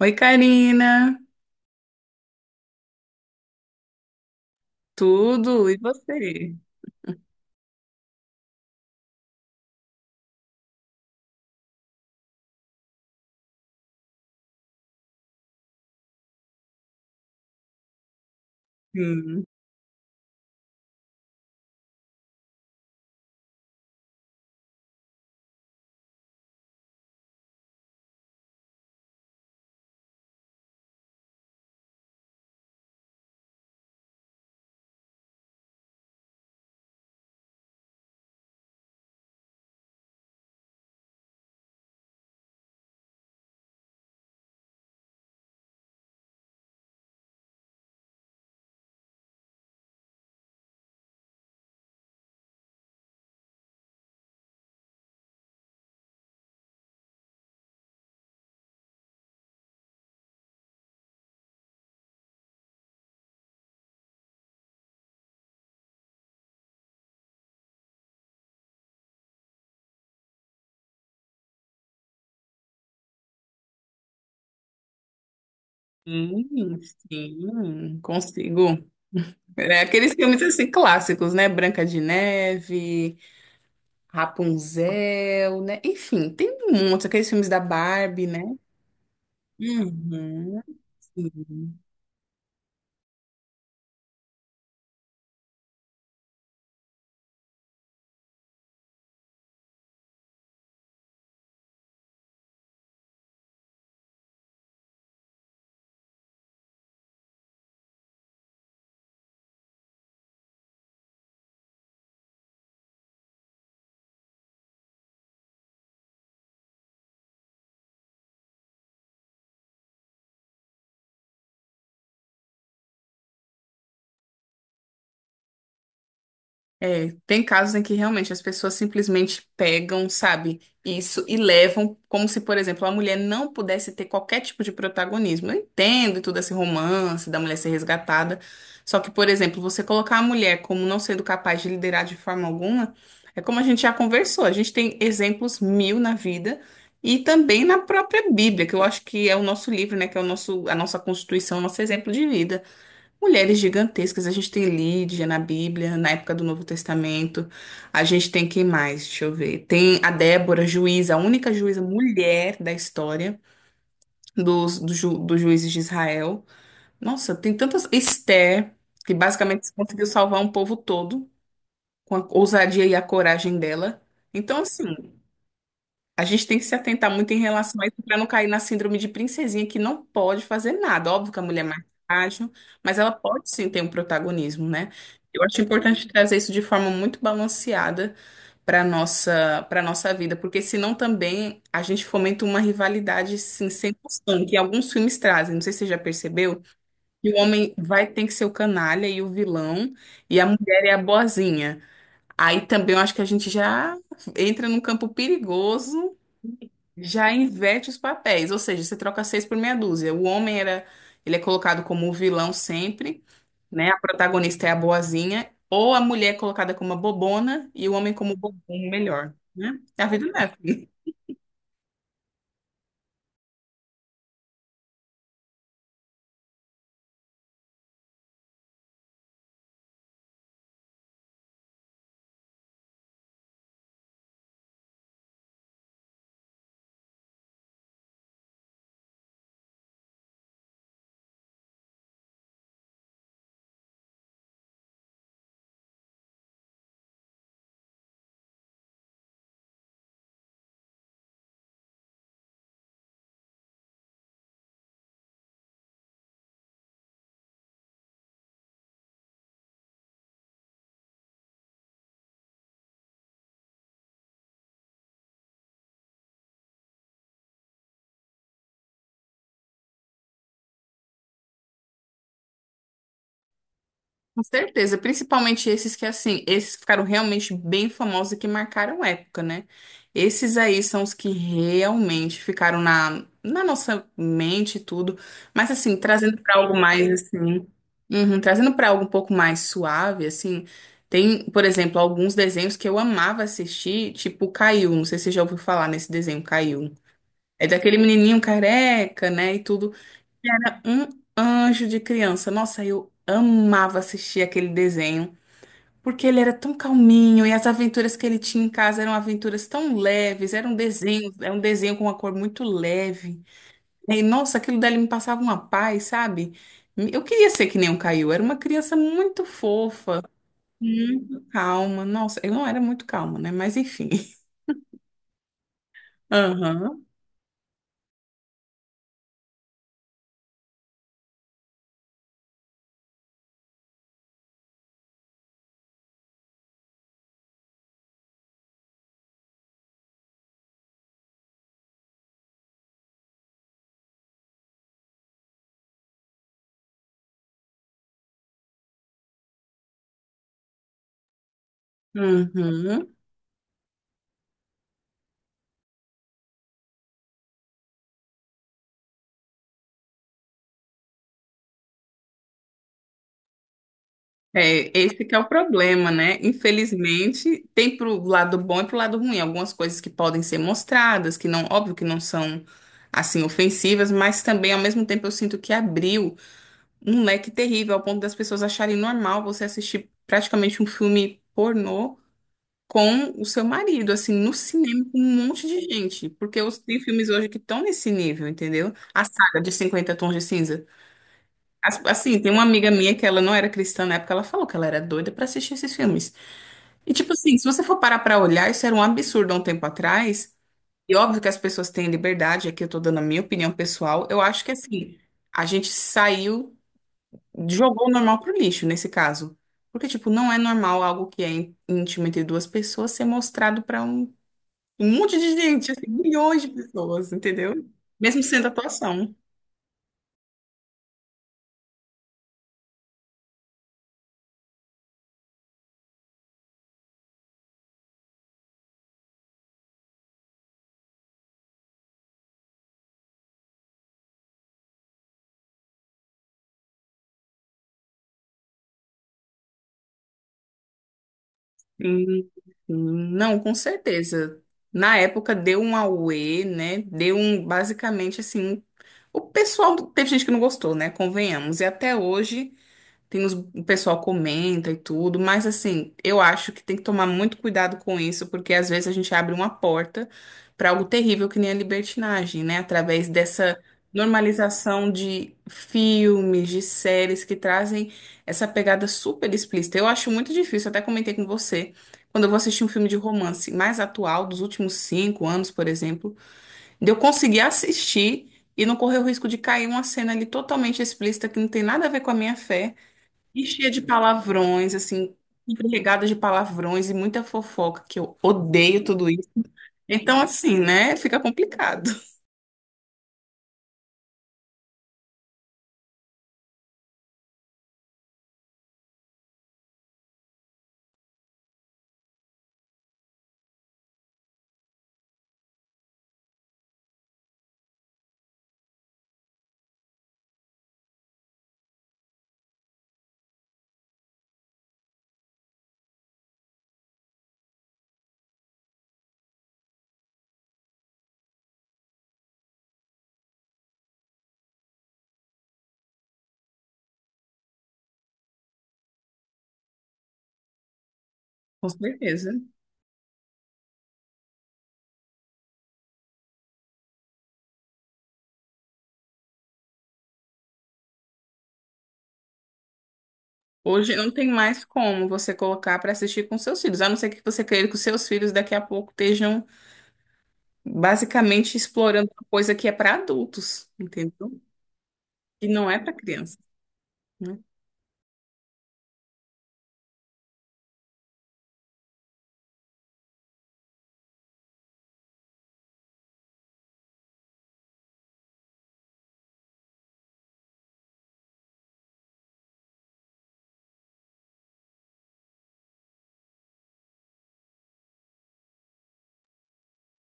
Oi, Karina. Tudo? E você? Sim, sim, sim, consigo. É aqueles filmes assim clássicos, né? Branca de Neve, Rapunzel, né? Enfim, tem um monte, aqueles filmes da Barbie, né? Uhum, sim. É, tem casos em que realmente as pessoas simplesmente pegam, sabe, isso e levam, como se, por exemplo, a mulher não pudesse ter qualquer tipo de protagonismo. Eu entendo todo esse romance da mulher ser resgatada, só que, por exemplo, você colocar a mulher como não sendo capaz de liderar de forma alguma, é como a gente já conversou, a gente tem exemplos mil na vida e também na própria Bíblia, que eu acho que é o nosso livro, né, que é o nosso, a nossa Constituição, o nosso exemplo de vida. Mulheres gigantescas, a gente tem Lídia na Bíblia, na época do Novo Testamento. A gente tem quem mais? Deixa eu ver. Tem a Débora, juíza, a única juíza mulher da história dos juízes de Israel. Nossa, tem tantas. Esther, que basicamente conseguiu salvar um povo todo com a ousadia e a coragem dela. Então, assim. A gente tem que se atentar muito em relação a isso para não cair na síndrome de princesinha que não pode fazer nada. Óbvio que a mulher é mais frágil, mas ela pode sim ter um protagonismo, né? Eu acho importante trazer isso de forma muito balanceada para nossa vida, porque senão também a gente fomenta uma rivalidade sim, sem noção, que alguns filmes trazem. Não sei se você já percebeu que o homem vai ter que ser o canalha e o vilão e a mulher é a boazinha. Aí também eu acho que a gente já entra num campo perigoso já inverte os papéis, ou seja, você troca seis por meia dúzia. O homem era, ele é colocado como o vilão sempre, né? A protagonista é a boazinha, ou a mulher é colocada como a bobona e o homem como o bobão melhor, né? É a vida dessa. Com certeza, principalmente esses que assim, esses que ficaram realmente bem famosos e que marcaram época, né? Esses aí são os que realmente ficaram na nossa mente e tudo, mas assim, trazendo para algo mais assim, uhum, trazendo para algo um pouco mais suave, assim, tem, por exemplo, alguns desenhos que eu amava assistir, tipo Caiu, não sei se você já ouviu falar nesse desenho Caiu. É daquele menininho careca, né, e tudo era um anjo de criança. Nossa, eu amava assistir aquele desenho, porque ele era tão calminho e as aventuras que ele tinha em casa eram aventuras tão leves, era um desenho com uma cor muito leve. E nossa, aquilo dali me passava uma paz, sabe? Eu queria ser que nem um Caio, era uma criança muito fofa, muito calma. Nossa, eu não era muito calma, né? Mas enfim. Aham. Uhum. É, esse que é o problema, né? Infelizmente, tem pro lado bom e pro lado ruim. Algumas coisas que podem ser mostradas, que não, óbvio que não são assim ofensivas, mas também ao mesmo tempo eu sinto que abriu um leque terrível ao ponto das pessoas acharem normal você assistir praticamente um filme pornô com o seu marido, assim, no cinema com um monte de gente, porque tem filmes hoje que estão nesse nível, entendeu? A saga de Cinquenta Tons de Cinza Assim, tem uma amiga minha que ela não era cristã na época, ela falou que ela era doida pra assistir esses filmes. E tipo assim, se você for parar pra olhar, isso era um absurdo há um tempo atrás. E óbvio que as pessoas têm liberdade, aqui eu tô dando a minha opinião pessoal. Eu acho que assim, a gente saiu, jogou o normal pro lixo nesse caso. Porque tipo, não é normal algo que é íntimo entre duas pessoas ser mostrado pra um monte de gente, assim, milhões de pessoas, entendeu? Mesmo sendo atuação. Hum, hum. Não, com certeza. Na época deu um auê, né? Deu um, basicamente assim, o pessoal, teve gente que não gostou, né? Convenhamos. E até hoje tem os, o pessoal comenta e tudo, mas assim, eu acho que tem que tomar muito cuidado com isso, porque às vezes a gente abre uma porta para algo terrível que nem a libertinagem, né? Através dessa normalização de filmes, de séries que trazem essa pegada super explícita. Eu acho muito difícil, até comentei com você, quando eu vou assistir um filme de romance mais atual, dos últimos 5 anos, por exemplo, de eu conseguir assistir. E não correr o risco de cair uma cena ali totalmente explícita que não tem nada a ver com a minha fé. E cheia de palavrões, assim, empregada de palavrões e muita fofoca, que eu odeio tudo isso. Então, assim, né? Fica complicado, com certeza. Hoje não tem mais como você colocar para assistir com seus filhos, a não ser que você queira que os seus filhos daqui a pouco estejam basicamente explorando uma coisa que é para adultos, entendeu? E não é para criança, né?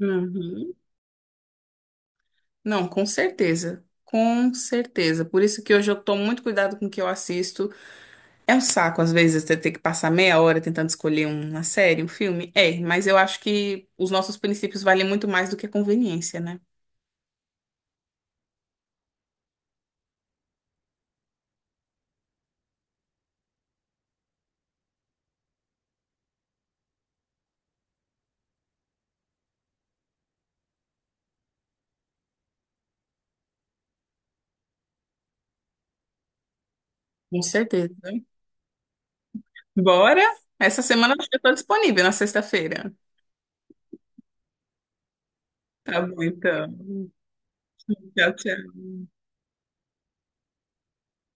Uhum. Não, com certeza. Com certeza. Por isso que hoje eu tomo muito cuidado com o que eu assisto. É um saco, às vezes, você ter que passar meia hora tentando escolher um, uma série, um filme. É, mas eu acho que os nossos princípios valem muito mais do que a conveniência, né? Com certeza. Bora? Essa semana eu estou disponível na sexta-feira. Tá bom, então. Tchau, tchau.